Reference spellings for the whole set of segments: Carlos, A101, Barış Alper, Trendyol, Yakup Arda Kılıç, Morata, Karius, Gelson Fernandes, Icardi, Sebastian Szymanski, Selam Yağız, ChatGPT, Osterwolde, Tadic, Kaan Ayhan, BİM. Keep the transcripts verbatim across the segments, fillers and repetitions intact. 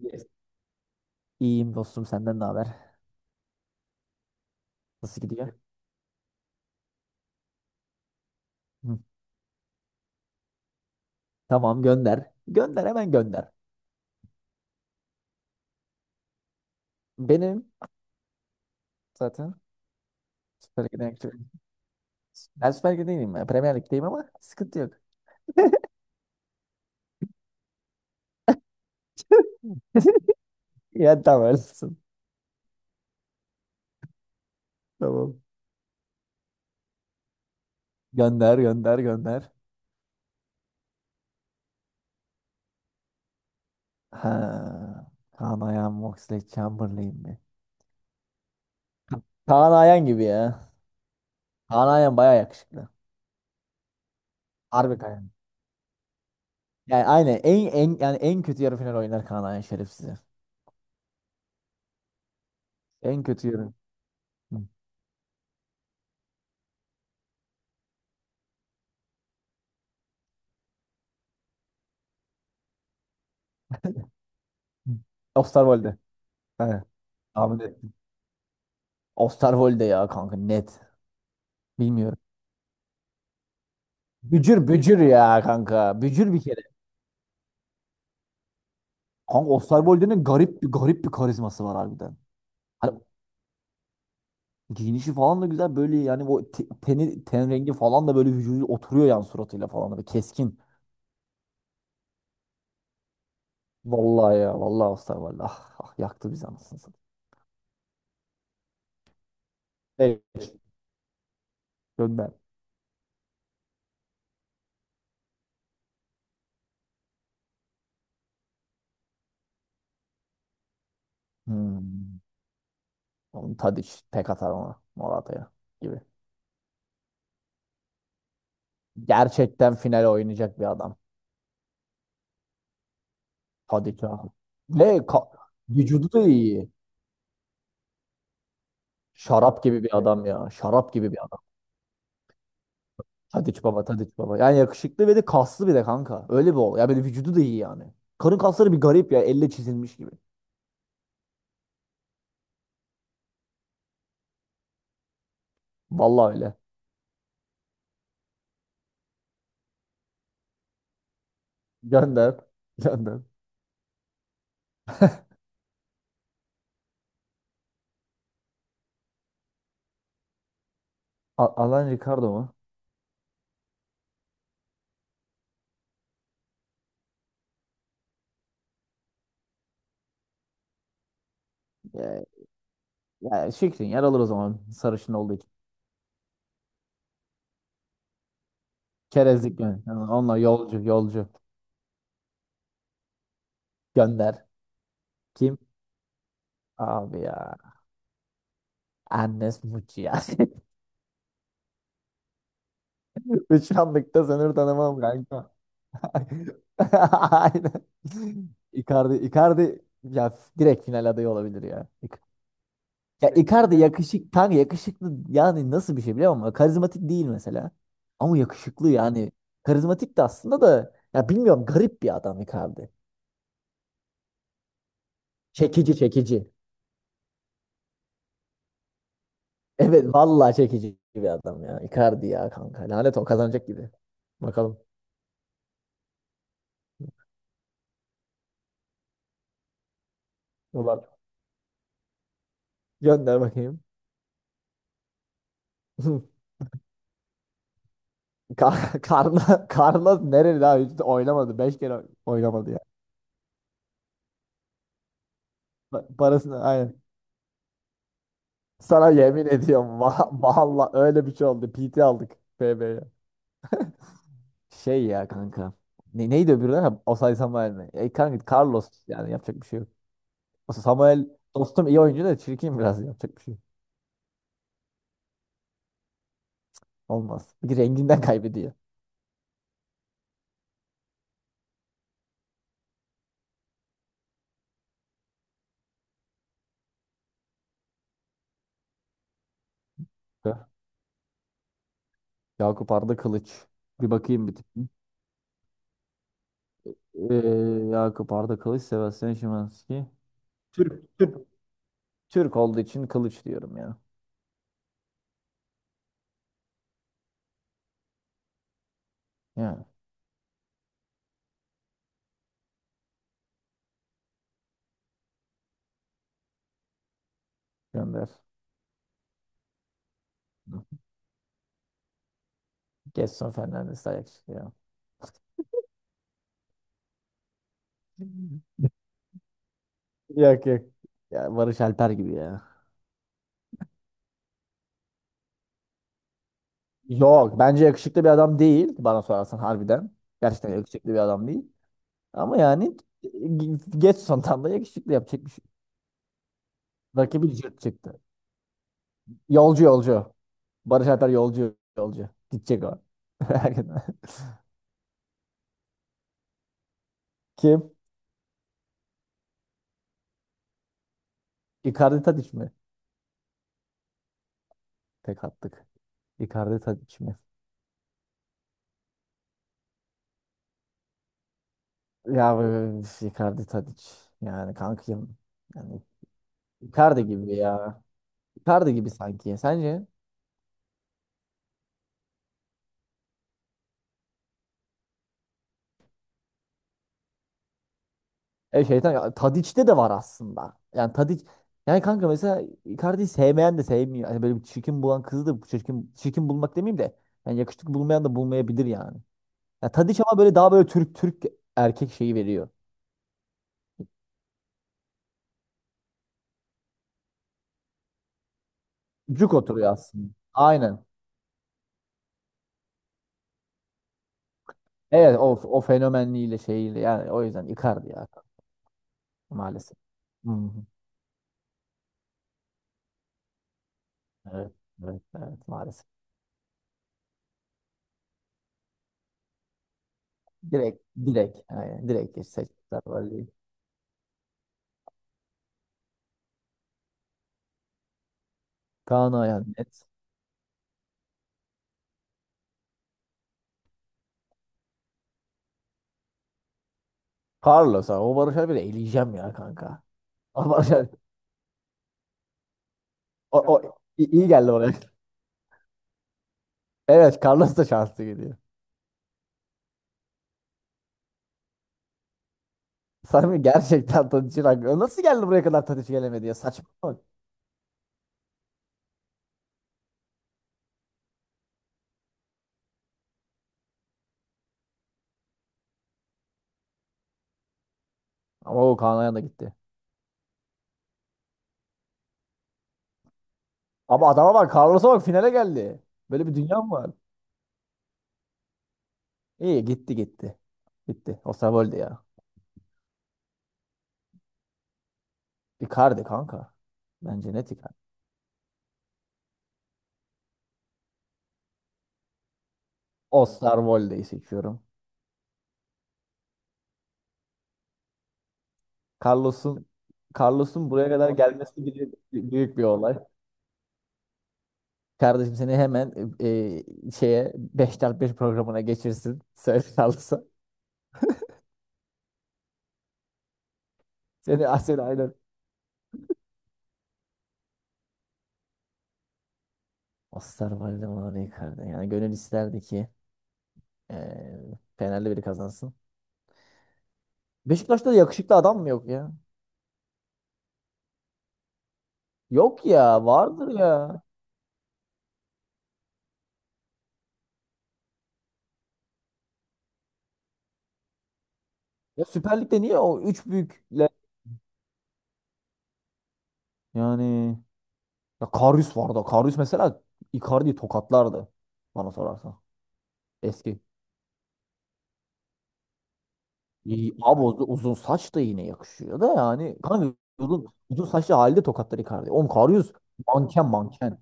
Yes. İyiyim dostum senden ne haber? Nasıl gidiyor? Hı. Tamam gönder. Gönder hemen gönder. Benim zaten Süper Lig'den aktifim. Ben Süper Lig'de değilim ya. Premier Lig'deyim ama sıkıntı yok. Ya tamam öylesin. Tamam. Gönder gönder gönder. Ha. Kaan Ayhan Moxley Chamberlain mi? Kaan Ayhan gibi ya. Kaan Ayhan baya yakışıklı. Harbi Kaan Ayhan. Yani aynen en, en, yani en kötü yarı final oynar Kaan Ayhan şerefsiz. En kötü yarı. Hı. Hı. Osterwolde. Evet. Tahmin et. Osterwolde ya kanka net. Bilmiyorum. Bücür bücür ya kanka. Bücür bir kere. Kanka Osterwolde'nin garip bir garip bir karizması var harbiden. Hani giyinişi falan da güzel böyle yani o te- teni ten rengi falan da böyle vücudu oturuyor yani suratıyla falan da böyle keskin. Vallahi ya vallahi Osterwolde. Ah, ah yaktı bizi anasını satayım. Evet. Gönder. Hmm. Oğlum Tadic tek atar ona Morata'ya gibi. Gerçekten finale oynayacak bir adam. Tadic abi. Ve ka- Vücudu da iyi. Şarap gibi bir adam ya. Şarap gibi bir adam. Tadiç baba, Tadiç baba. Yani yakışıklı ve de kaslı bir de kanka. Öyle bir ol. Ya böyle vücudu da iyi yani. Karın kasları bir garip ya. Elle çizilmiş gibi. Vallahi öyle. Gönder. Gönder. A- Alan Ricardo mu? Ya, ya Şikrin yer alır o zaman. Sarışın olduğu için. Çerezlik yani. Yani onlar yolcu, yolcu. Gönder. Kim? Abi ya. Annes Muçi ya. Üç anlıkta sınır tanımam kanka. Aynen. Icardi, Icardi ya f- direkt final adayı olabilir ya. İk- Ya evet. Icardi yakışık, kanka yakışıklı yani nasıl bir şey biliyor musun? Karizmatik değil mesela. Ama yakışıklı yani. Karizmatik de aslında da ya bilmiyorum garip bir adam Icardi. Çekici çekici. Evet vallahi çekici bir adam ya. Icardi ya kanka. Lanet o kazanacak gibi. Bakalım. Ulan. Gönder bakayım. Kar- Karna, Karna nereli abi? Hiç oynamadı. Beş kere oynamadı ya. Pa- Parasını aynen. Sana yemin ediyorum va- valla öyle bir şey oldu. P T aldık B B'ye. Şey ya kanka. Ne, neydi öbürler? Ha, Osay Samuel mi? E kanka Carlos yani yapacak bir şey yok. O Samuel dostum iyi oyuncu da çirkin biraz yapacak bir şey yok. Olmaz. Bir de renginden kaybediyor. Ha, Yakup Arda Kılıç. Bir bakayım bir tık. Ee, Yakup Arda Kılıç, Sebastian Szymanski. Türk olduğu için Kılıç diyorum ya. Yani gönder. Hı. Gelson Fernandes Ajax ya. Yok yok. Ya Barış Alper gibi ya. Yok bence yakışıklı bir adam değil bana sorarsan harbiden. Gerçekten yakışıklı bir adam değil. Ama yani ge- geç sondan da yakışıklı yapacak bir şey. Rakibi cırt çıktı. Yolcu yolcu. Barış Alper yolcu yolcu. Gidecek o. Merak etme. Kim? Icardi Tadic mi? Tek attık. Icardi Tadic mi? Ya üf, Icardi Tadic. Yani kankayım. Yani Icardi gibi ya. Icardi gibi sanki. Sence? E şeytan ya, Tadiç'te de var aslında. Yani Tadiç yani kanka mesela Icardi'yi sevmeyen de sevmiyor. Hani böyle bir çirkin bulan kızı da çirkin çirkin bulmak demeyeyim de yani yakışıklı bulmayan da bulmayabilir yani. Ya Tadiç ama böyle daha böyle Türk Türk erkek şeyi veriyor. Cuk oturuyor aslında. Aynen. Evet o, o fenomenliğiyle şeyiyle yani o yüzden Icardi ya maalesef. Hı hı. Evet, evet, evet maalesef. Direkt direkt yani direkt geçecekler böyle. Kaan Ayhan net. Carlos abi. O Barış Alper'i eleyeceğim ya kanka. O Barış Alper. O, o, iyi, iyi geldi oraya. Evet Carlos da şanslı gidiyor. Sami gerçekten Tadiç'in hakkı. Nasıl geldi buraya kadar Tadiç gelemedi ya? Saçma bak. Ama o Kaan Ayhan da gitti. Ama adama bak Carlos'a bak finale geldi. Böyle bir dünya mı var? İyi gitti gitti. Gitti. Osterwolde ya. Icardi kanka. Bence net Icardi. Osterwolde'yi seçiyorum. Carlos'un Carlos'un buraya kadar gelmesi bir- büyük bir olay. Kardeşim seni hemen e, şeye beş x beş programına geçirsin. Söyle kalırsa. Seni Asel aynen. Aslar valide var Icardi. Yani gönül isterdi ki e, Fenerli biri kazansın. Beşiktaş'ta da yakışıklı adam mı yok ya? Yok ya vardır ya. Ya Süper Lig'de niye o üç büyükle yani ya Karius vardı. Karius mesela Icardi'yi tokatlardı bana sorarsan. Eski. İyi, abi uz- uzun saç da yine yakışıyor da yani. Kanka uzun, uzun saçlı halde tokatlar Icardi. Oğlum Karius manken manken.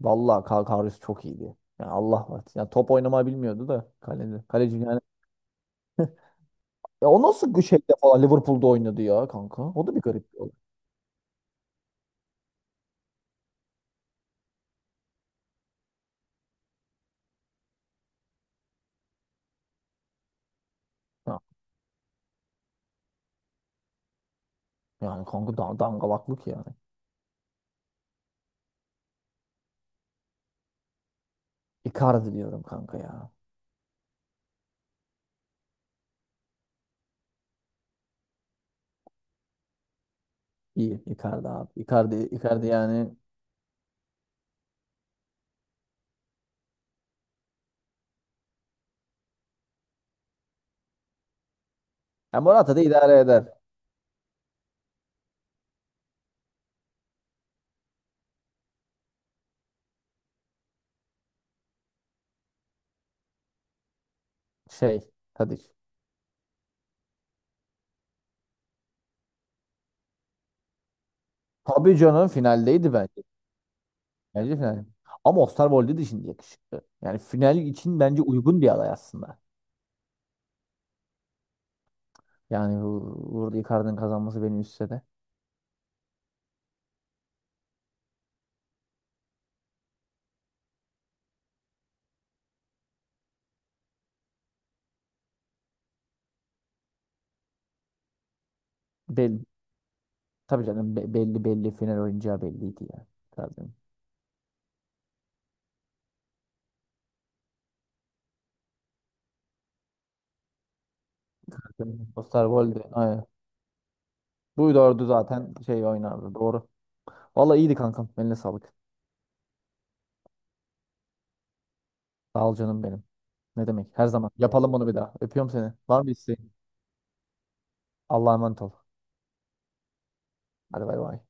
Vallahi Ka- Karius çok iyiydi. Yani Allah var. Yani top oynamayı bilmiyordu da kaleci. Kaleci yani. Ya o nasıl şeyde falan Liverpool'da oynadı ya kanka. O da bir garip bir olay. Ha, yani kanka da dangalaklık yani. Icardi diyorum kanka ya. İyi Icardi abi. Icardi, Icardi yani. Ya Morata da idare eder. Şey. Tadic. Tabii canım finaldeydi ben. Bence final. Ama Osterwolde de şimdi yakışıklı. Yani final için bence uygun bir aday aslında. Yani Uğur Icardi'nin kazanması beni üzse de. Belli, tabii canım be- belli belli final oyuncağı belliydi ya. Icardi'nin. Zaten Osterwolde. Aynen. Bu orada zaten şey oynardı. Doğru. Vallahi iyiydi kankam. Eline sağlık. Sağ ol canım benim. Ne demek? Her zaman. Yapalım bunu bir daha. Öpüyorum seni. Var mı isteğin? Allah'a emanet ol. Hadi bay bay.